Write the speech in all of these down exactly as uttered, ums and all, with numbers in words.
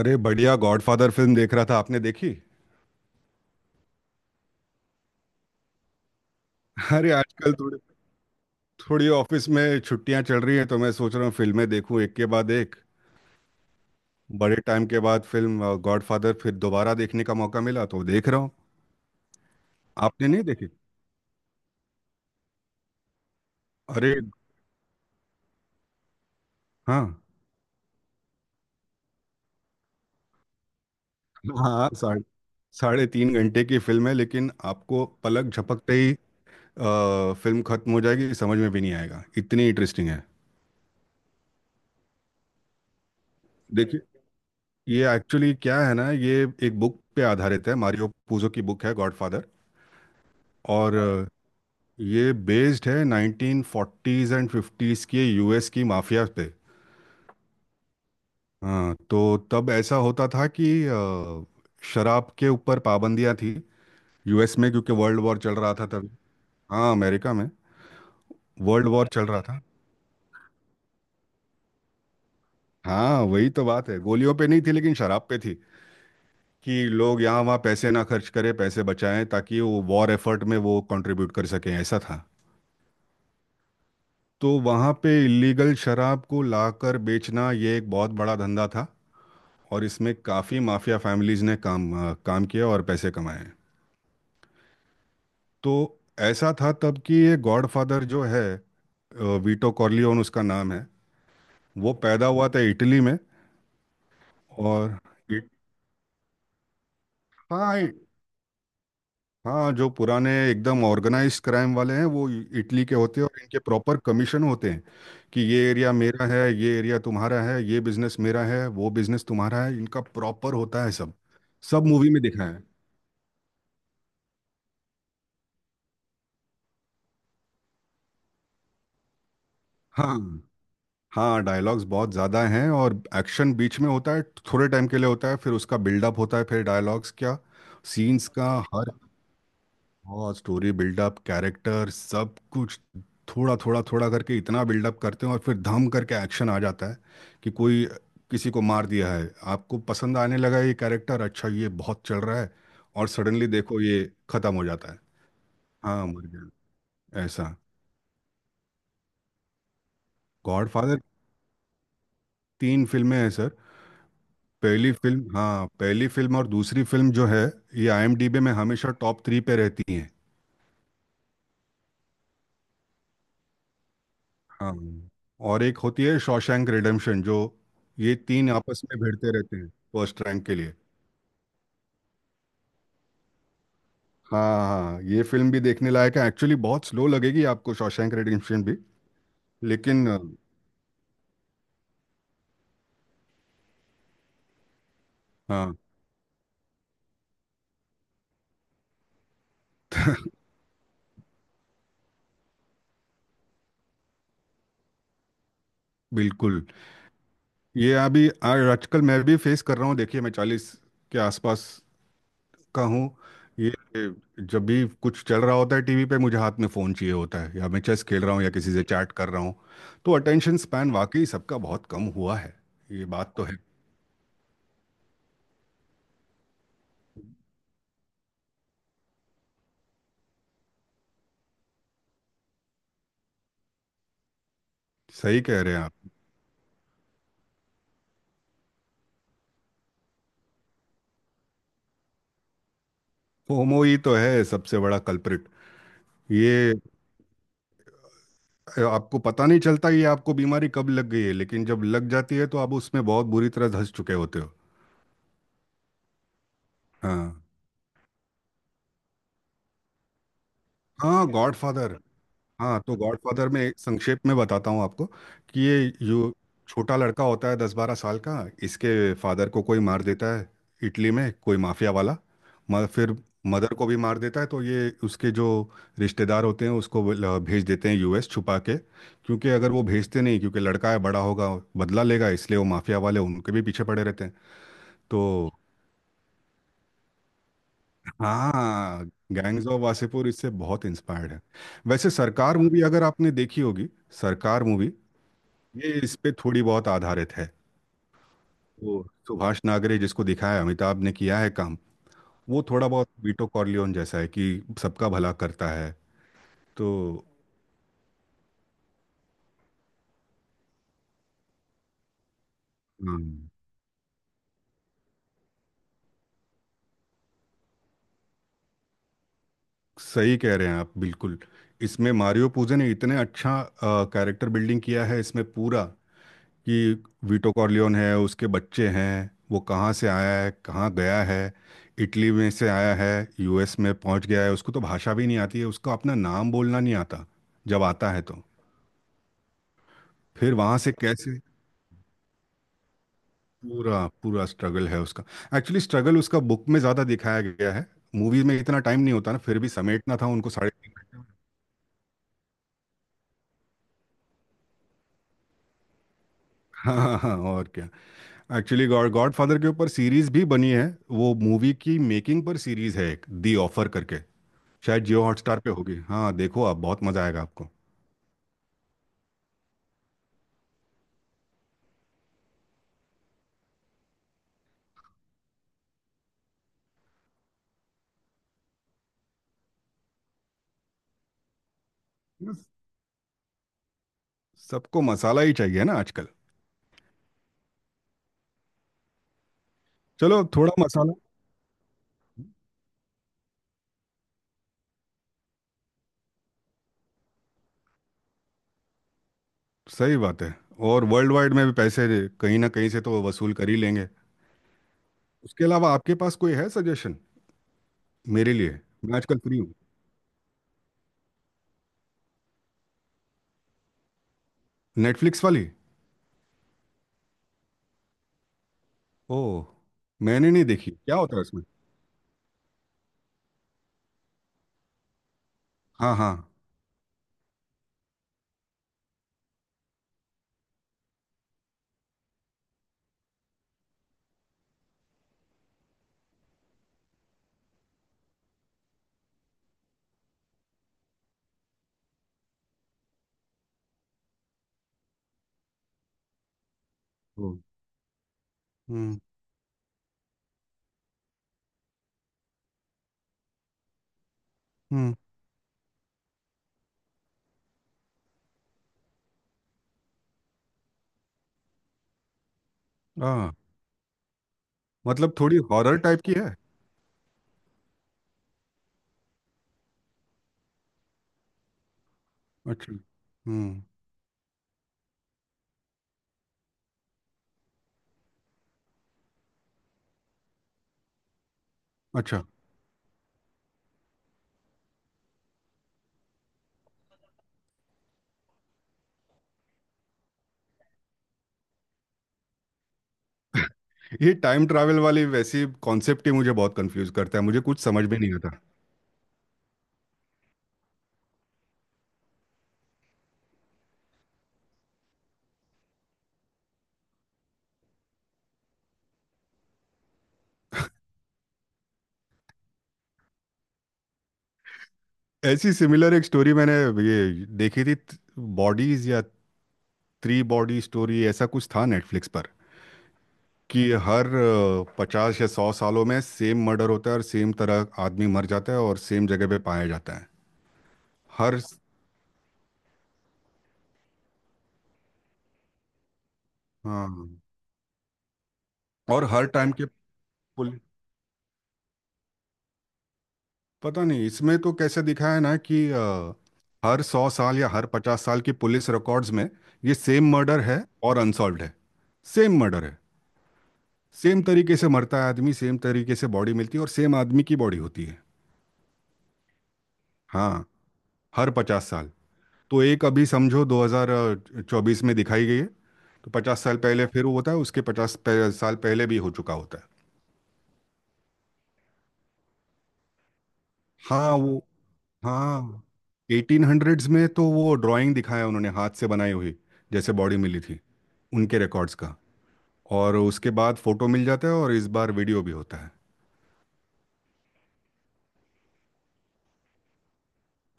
अरे, बढ़िया। Godfather film देख रहा था। आपने देखी? अरे, आजकल थोड़ी थोड़ी ऑफिस में छुट्टियां चल रही हैं, तो मैं सोच रहा हूँ फिल्में देखूं एक के बाद एक। बड़े टाइम के बाद फिल्म गॉडफादर फिर दोबारा देखने का मौका मिला तो देख रहा हूँ। आपने नहीं देखी? अरे। हाँ। हाँ, साढ़े साढ़े तीन घंटे की फिल्म है, लेकिन आपको पलक झपकते ही अ, फिल्म खत्म हो जाएगी, समझ में भी नहीं आएगा, इतनी इंटरेस्टिंग है। देखिए, ये एक्चुअली क्या है ना, ये एक बुक पे आधारित है, मारियो पूजो की बुक है गॉडफादर। और ये बेस्ड है नाइनटीन फोर्टीज़ एंड फिफ्टीज़ के यूएस की माफिया पे। हाँ, तो तब ऐसा होता था कि अ, शराब के ऊपर पाबंदियां थी, यूएस में, क्योंकि वर्ल्ड वॉर चल रहा था तभी। हाँ, अमेरिका में। वर्ल्ड वॉर चल रहा था। हाँ, वही तो बात है, गोलियों पे नहीं थी लेकिन शराब पे थी। कि लोग यहाँ वहाँ पैसे ना खर्च करें, पैसे बचाएं, ताकि वो वॉर एफर्ट में वो कंट्रीब्यूट कर सकें, ऐसा था। तो वहाँ पे इलीगल शराब को लाकर बेचना ये एक बहुत बड़ा धंधा था। और इसमें काफ़ी माफिया फैमिलीज ने काम अ, काम किया और पैसे कमाए हैं। तो ऐसा था तब कि ये गॉडफादर जो है, अ, वीटो कॉर्लियोन उसका नाम है। वो पैदा हुआ था इटली में। और इट, हाँ, इ- हाँ, जो पुराने एकदम ऑर्गेनाइज क्राइम वाले हैं वो इ- इटली के होते हैं, और इनके प्रॉपर कमीशन होते हैं। कि ये एरिया मेरा है, ये एरिया तुम्हारा है, ये बिजनेस मेरा है, वो बिजनेस तुम्हारा है, इनका प्रॉपर होता है सब। सब मूवी में दिखाया है। हाँ। हाँ, डायलॉग्स बहुत ज़्यादा हैं और एक्शन बीच में होता है, थोड़े टाइम के लिए होता है, फिर उसका बिल्डअप होता है, फिर डायलॉग्स क्या, सीन्स का। हर, और स्टोरी बिल्डअप, कैरेक्टर, सब कुछ थोड़ा थोड़ा थोड़ा करके इतना बिल्डअप करते हैं और फिर धम करके एक्शन आ जाता है। कि कोई किसी को मार दिया है, आपको पसंद आने लगा ये कैरेक्टर, अच्छा ये बहुत चल रहा है, और सडनली देखो ये ख़त्म हो जाता है। हाँ, मर गया। ऐसा। गॉडफादर तीन फिल्में हैं सर। पहली फिल्म, हाँ, पहली फिल्म और दूसरी फिल्म जो है, ये आईएमडीबी में हमेशा टॉप थ्री पे रहती हैं। हाँ। और एक होती है शॉशैंक रिडेम्पशन, जो, ये तीन आपस में भिड़ते रहते हैं फर्स्ट रैंक के लिए। हाँ। हाँ, ये फिल्म भी देखने लायक है एक्चुअली, बहुत स्लो लगेगी आपको शॉशैंक रिडेम्पशन भी। लेकिन अ, हाँ, बिल्कुल। ये अभी आ- आजकल मैं भी फेस कर रहा हूँ। देखिए, मैं चालीस के आसपास का हूँ। ये जब भी कुछ चल रहा होता है टीवी पे, मुझे हाथ में फ़ोन चाहिए होता है, या मैं चेस खेल रहा हूँ, या किसी से चैट कर रहा हूँ। तो अटेंशन स्पैन वाकई सबका बहुत कम हुआ है। ये बात तो है। सही कह रहे हैं आप। फोमो ही तो है सबसे बड़ा कल्प्रिट। ये आपको पता नहीं चलता ये आपको बीमारी कब लग गई है, लेकिन जब लग जाती है तो आप उसमें बहुत बुरी तरह धंस चुके होते हो। हाँ। हाँ। गॉडफादर। हाँ, तो गॉडफादर में एक, संक्षेप में बताता हूँ आपको, कि ये जो छोटा लड़का होता है दस बारह साल का, इसके फादर को कोई मार देता है, इटली में, कोई माफिया वाला। मगर फिर मदर को भी मार देता है, तो ये उसके जो रिश्तेदार होते हैं, उसको वो ल- भेज देते हैं यूएस छुपा के, क्योंकि अगर वो भेजते नहीं, क्योंकि लड़का है, बड़ा होगा, बदला लेगा, इसलिए वो माफिया वाले उनके भी पीछे पड़े रहते हैं। तो हाँ, गैंग्स ऑफ वासेपुर इससे बहुत इंस्पायर्ड है। वैसे सरकार मूवी अगर आपने देखी होगी, सरकार मूवी, ये इस पे थोड़ी बहुत आधारित है। वो सुभाष नागरे जिसको दिखाया है, अमिताभ ने किया है काम, वो थोड़ा बहुत वीटो कॉर्लियोन जैसा है, कि सबका भला करता है। तो हम्म, सही कह रहे हैं आप, बिल्कुल। इसमें मारियो पूजे ने इतने अच्छा कैरेक्टर बिल्डिंग किया है इसमें पूरा, कि वीटो कॉर्लियोन है, उसके बच्चे हैं, वो कहाँ से आया है, कहाँ गया है, इटली में से आया है, यूएस में पहुंच गया है, उसको तो भाषा भी नहीं आती है, उसको अपना नाम बोलना नहीं आता, जब आता है तो फिर वहां से कैसे, पूरा पूरा स्ट्रगल है उसका। एक्चुअली स्ट्रगल उसका बुक में ज़्यादा दिखाया गया है, मूवीज में इतना टाइम नहीं होता ना, फिर भी समेटना था उनको साढ़े हाँ हाँ, और क्या। एक्चुअली गॉड गॉड फादर के ऊपर सीरीज भी बनी है, वो मूवी की मेकिंग पर सीरीज है, एक दी ऑफर करके। शायद जियो हॉटस्टार पे होगी। हाँ, देखो आप, बहुत मज़ा आएगा आपको। बस, सबको मसाला ही चाहिए ना आजकल। चलो, थोड़ा मसाला। सही बात है। और वर्ल्ड वाइड में भी पैसे कहीं ना कहीं से तो वसूल कर ही लेंगे। उसके अलावा आपके पास कोई है सजेशन मेरे लिए? मैं आजकल फ्री। नेटफ्लिक्स वाली? ओह, मैंने नहीं देखी, क्या होता है उसमें? हाँ। हाँ। ओ। हम्म। हम्म। आ। मतलब थोड़ी हॉरर टाइप की है? अच्छा। हम्म। अच्छा, ये टाइम ट्रैवल वाली वैसी कॉन्सेप्ट ही मुझे बहुत कंफ्यूज करता है, मुझे कुछ समझ में नहीं आता। ऐसी सिमिलर एक स्टोरी मैंने ये देखी थी, बॉडीज या थ्री बॉडी स्टोरी, ऐसा कुछ था नेटफ्लिक्स पर, कि हर पचास या सौ सालों में सेम मर्डर होता है और सेम तरह आदमी मर जाता है और सेम जगह पे पाया जाता है। हर, हाँ, और हर टाइम के, पुल, पता नहीं इसमें तो कैसे दिखाया है ना कि अ, हर सौ साल या हर पचास साल की पुलिस रिकॉर्ड्स में ये सेम मर्डर है और अनसॉल्व्ड है। सेम मर्डर है, सेम तरीके से मरता है आदमी, सेम तरीके से बॉडी मिलती है, और सेम आदमी की बॉडी होती है। हाँ, हर पचास साल। तो एक अभी समझो दो हज़ार चौबीस में दिखाई गई है, तो पचास साल पहले फिर वो होता है, उसके पचास साल पहले भी हो चुका होता है। हाँ, वो, हाँ, एटीन हंड्रेड्स में तो वो ड्राइंग दिखाया उन्होंने हाथ से बनाई हुई, जैसे बॉडी मिली थी, उनके रिकॉर्ड्स का। और उसके बाद फोटो मिल जाता है और इस बार वीडियो भी होता है।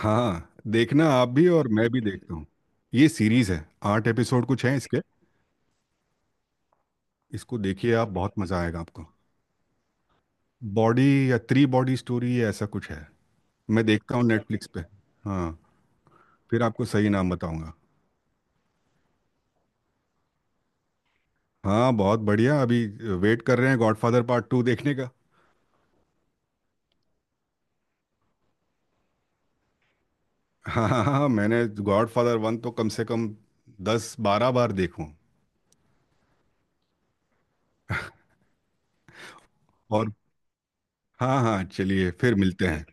हाँ, देखना आप भी और मैं भी देखता हूँ। ये सीरीज है, आठ एपिसोड कुछ है इसके। इसको देखिए आप, बहुत मज़ा आएगा आपको। बॉडी या थ्री बॉडी स्टोरी या ऐसा कुछ है। मैं देखता हूँ नेटफ्लिक्स पे। हाँ। फिर आपको सही नाम बताऊंगा। हाँ, बहुत बढ़िया। अभी वेट कर रहे हैं गॉडफादर पार्ट टू देखने का। हाँ हाँ हाँ, मैंने गॉडफादर वन तो कम से कम दस बारह बार देखूं। और हाँ हाँ, चलिए फिर मिलते हैं।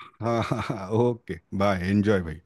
हाँ हाँ हाँ, ओके बाय, एंजॉय भाई।